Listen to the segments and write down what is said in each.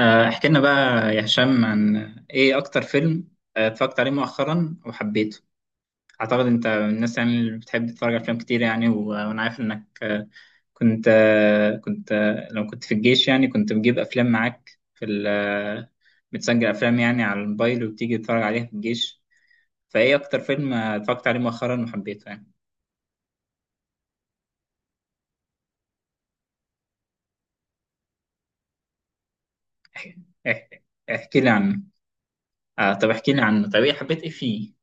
احكي لنا بقى يا هشام عن ايه اكتر فيلم اتفرجت عليه مؤخرا وحبيته. اعتقد انت من الناس، يعني اللي بتحب تتفرج على افلام كتير، يعني و- وانا عارف انك، آه، كنت آه، كنت آه، لو كنت في الجيش، يعني كنت بتجيب افلام معاك في ال آه، بتسجل افلام، يعني على الموبايل وبتيجي تتفرج عليها في الجيش. فايه اكتر فيلم اتفرجت عليه مؤخرا وحبيته يعني؟ احكي احكي لي عنه. طب احكي لي عنه. طب ايه حبيت ايه فيه؟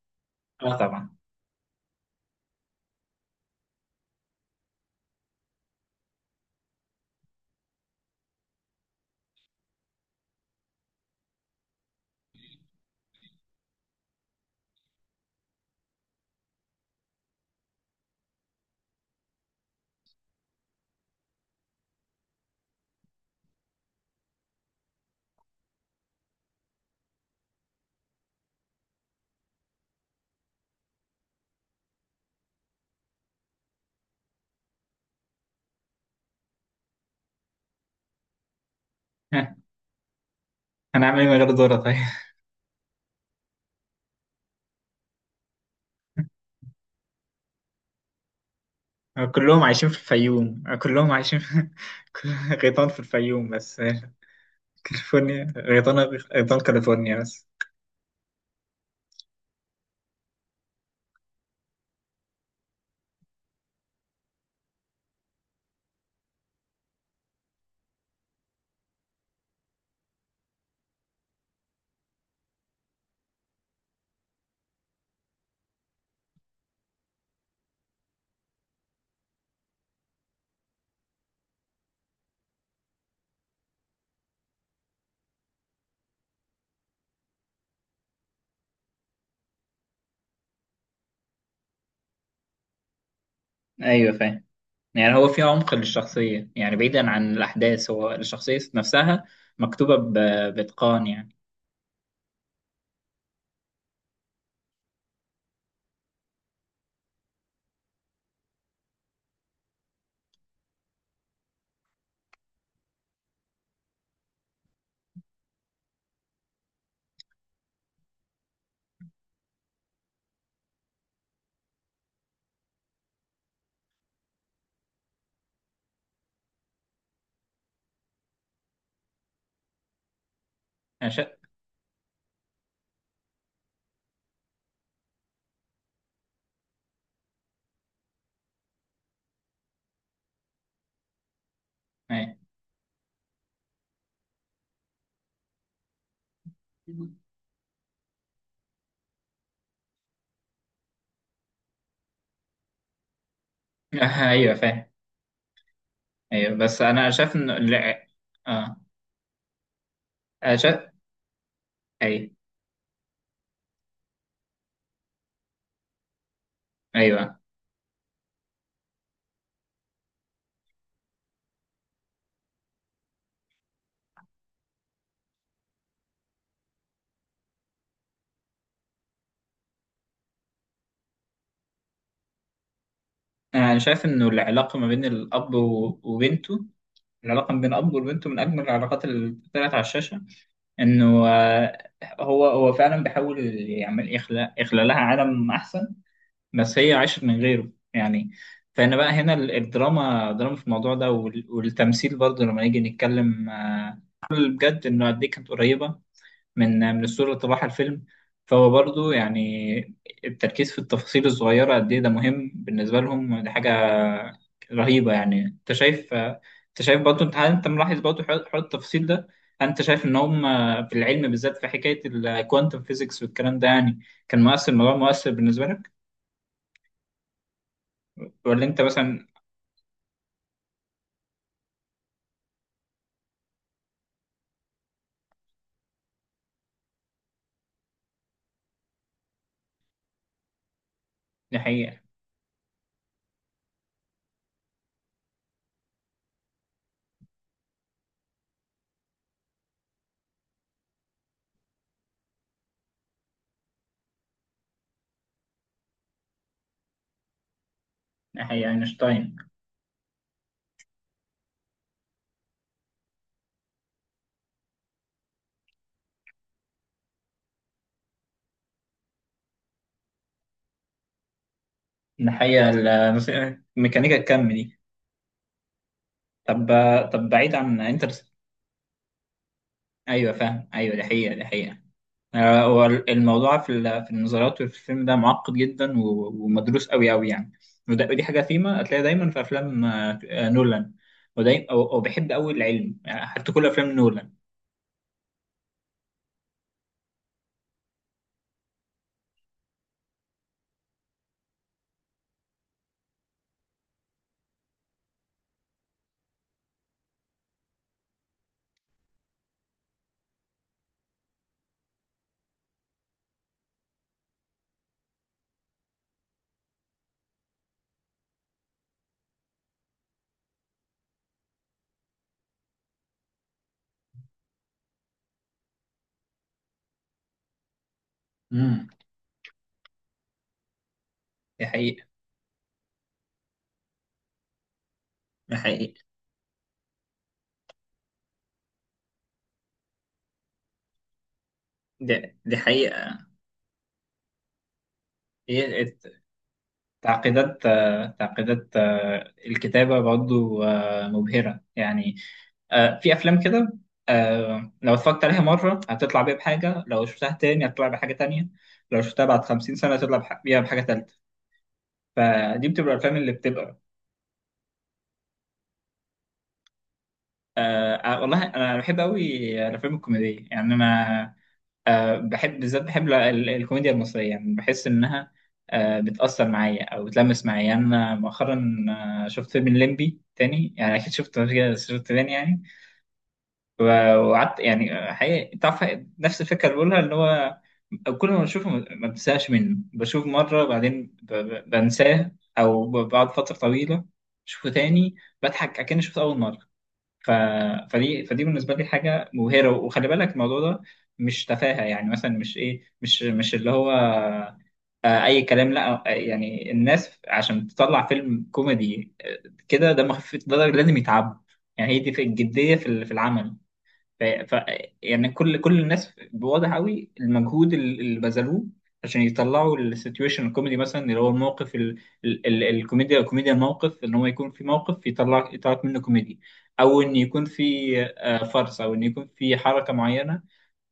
اه طبعا. هنعمل ايه من غير دورة طيب؟ كلهم عايشين في الفيوم، كلهم عايشين في كل- غيطان في الفيوم بس. كاليفورنيا غيطان. غيطان كاليفورنيا بس. ايوه فاهم. يعني هو في عمق للشخصية، يعني بعيدا عن الأحداث، هو الشخصية نفسها مكتوبة ب- بإتقان يعني. أنا شا... أيوة. أيوه فاهم. أيوه بس أنا شايف إنه آه أنا شايف. أيوه أيوه، أنا شايف إنه العلاقة ما بين الأب و- وبنته. العلاقة ما بين الأب وبنته من أجمل العلاقات اللي طلعت على الشاشة. انه هو فعلا بيحاول يخلق لها عالم احسن، بس هي عاشت من غيره يعني. فانا بقى هنا الدراما، دراما في الموضوع ده وال- والتمثيل برضه لما نيجي نتكلم، بجد انه قد ايه كانت قريبه من الصورة اللي طبعها الفيلم. فهو برضو يعني التركيز في التفاصيل الصغيرة قد إيه ده مهم بالنسبة لهم، دي حاجة رهيبة يعني. أنت شايف برضو، هل أنت ملاحظ برضو حوار التفاصيل ده؟ هل أنت شايف إن هم في العلم بالذات، في حكاية الكوانتم فيزيكس والكلام ده، يعني كان مؤثر؟ الموضوع مؤثر بالنسبة لك ولا أنت مثلا؟ ناحية ناحية أينشتاين، ناحية الميكانيكا الكم دي؟ طب بعيد عن انترست. ايوه فاهم، ايوه دي حقيقه، دي حقيقه. هو الموضوع في في النظريات وفي الفيلم ده معقد جدا و- ومدروس قوي قوي يعني. وده- ودي حاجه فيما هتلاقيها دايما في افلام نولان، ودايما وبحب قوي العلم يعني حتى كل افلام نولان. امم. دي حقيقه، دي حقيقه. دي حقيقه. هي تعقيدات الكتابه برضه مبهره يعني. في افلام كده، لو اتفرجت عليها مره هتطلع بيها بحاجه، لو شفتها تاني هتطلع بحاجه تانية، لو شفتها بعد 50 سنه هتطلع بيها بحاجه تالتة. فدي بتبقى الافلام اللي بتبقى. والله انا بحب قوي الافلام الكوميديه، يعني انا بحب بالذات، بحب الكوميديا المصريه، يعني بحس انها بتاثر معايا او بتلمس معايا يعني. انا مؤخرا شفت فيلم الليمبي تاني، يعني اكيد شفته، شفت تاني يعني و- وقعدت، يعني حقيقي، تعرف، نفس الفكره اللي بقولها، اللي هو كل ما بشوفه ما بنساش منه، بشوف مره بعدين بنساه، او بعد فتره طويله بشوفه تاني، بضحك اكني شفته اول مره. ف... فدي بالنسبه لي حاجه مبهره. وخلي بالك الموضوع ده مش تفاهه، يعني مثلا مش ايه، مش اللي هو اي كلام، لا يعني الناس عشان تطلع فيلم كوميدي كده دمه خفيف، ده لازم يتعب. يعني هي دي في الجديه، في العمل. ف... ف... يعني كل الناس بواضح قوي المجهود اللي بذلوه عشان يطلعوا السيتويشن الكوميدي، مثلا اللي هو الموقف كوميديا الموقف، ان هو يكون في موقف يطلع منه كوميدي، او ان يكون في فرص، او ان يكون في حركة معينة.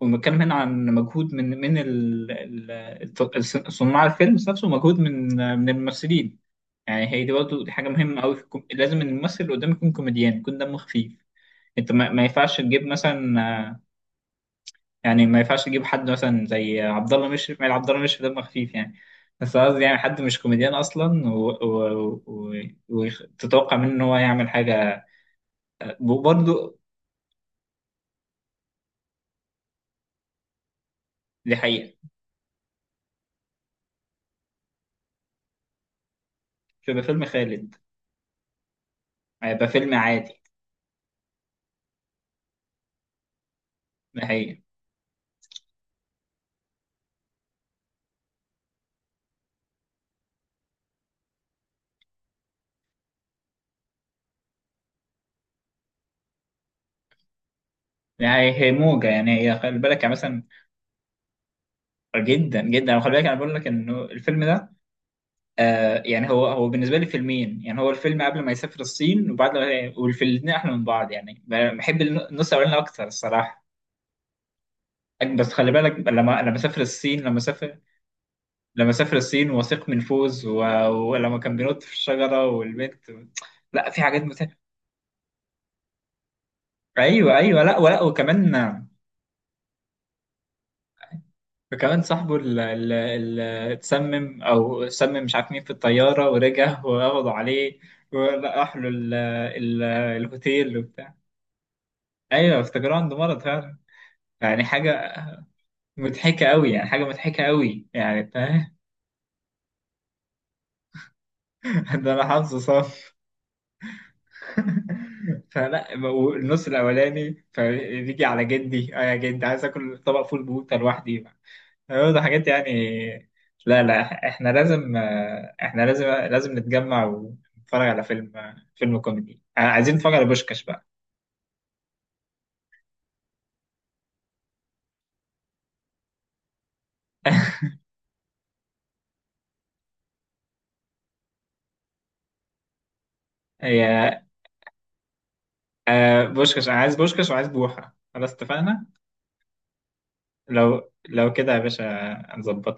ونتكلم هنا عن مجهود من صناع الفيلم نفسه، ومجهود من من الممثلين. يعني هي دي برضه، دي حاجة مهمة قوي في لازم الممثل اللي قدامك يكون كوميديان، يكون دمه خفيف. انت ما ينفعش تجيب مثلا يعني ما ينفعش تجيب حد مثلا زي عبد الله مشرف، ما عبد الله مشرف دمه خفيف يعني، بس قصدي يعني حد مش كوميديان اصلا وتتوقع، و... و... و... وتتوقع منه ان هو يعمل حاجه. وبرضه دي حقيقه. مش هيبقى فيلم خالد، هيبقى فيلم عادي. دي حقيقه. يعني هي موجه، يعني هي خلي بالك، يعني مثلا جدا جدا. خلي بالك انا بقول لك انه الفيلم ده، يعني هو بالنسبه لي فيلمين، يعني هو الفيلم قبل ما يسافر الصين وبعد ما، والفيلم الاثنين احلى من بعض يعني، بحب النص الاولاني اكتر الصراحه. بس خلي بالك لما سافر الصين، لما سافر الصين واثق من فوز ولما كان بينط في الشجرة والبنت لا، في حاجات ايوه ايوه، لا ولا، وكمان. وكمان صاحبه اللي اتسمم او سمم، مش عارف مين في الطيارة ورجع وقبضوا عليه، وراح له ال... الهوتيل وبتاع. ايوه افتكروا عنده مرض فعلا. يعني حاجة مضحكة قوي، يعني حاجة مضحكة قوي يعني، فاهم. ده انا حافظه صح. فلا، النص الاولاني، فبيجي على جدي: اه يا جدي عايز اكل طبق فول بوته لوحدي. ده حاجات يعني. لا لا، احنا لازم لازم نتجمع ونتفرج على فيلم فيلم كوميدي، عايزين نتفرج على بوشكاش بقى. يا بوشكاش، انا عايز بوشكاش وعايز بوحة، خلاص اتفقنا. لو كده يا باشا، هنظبطها.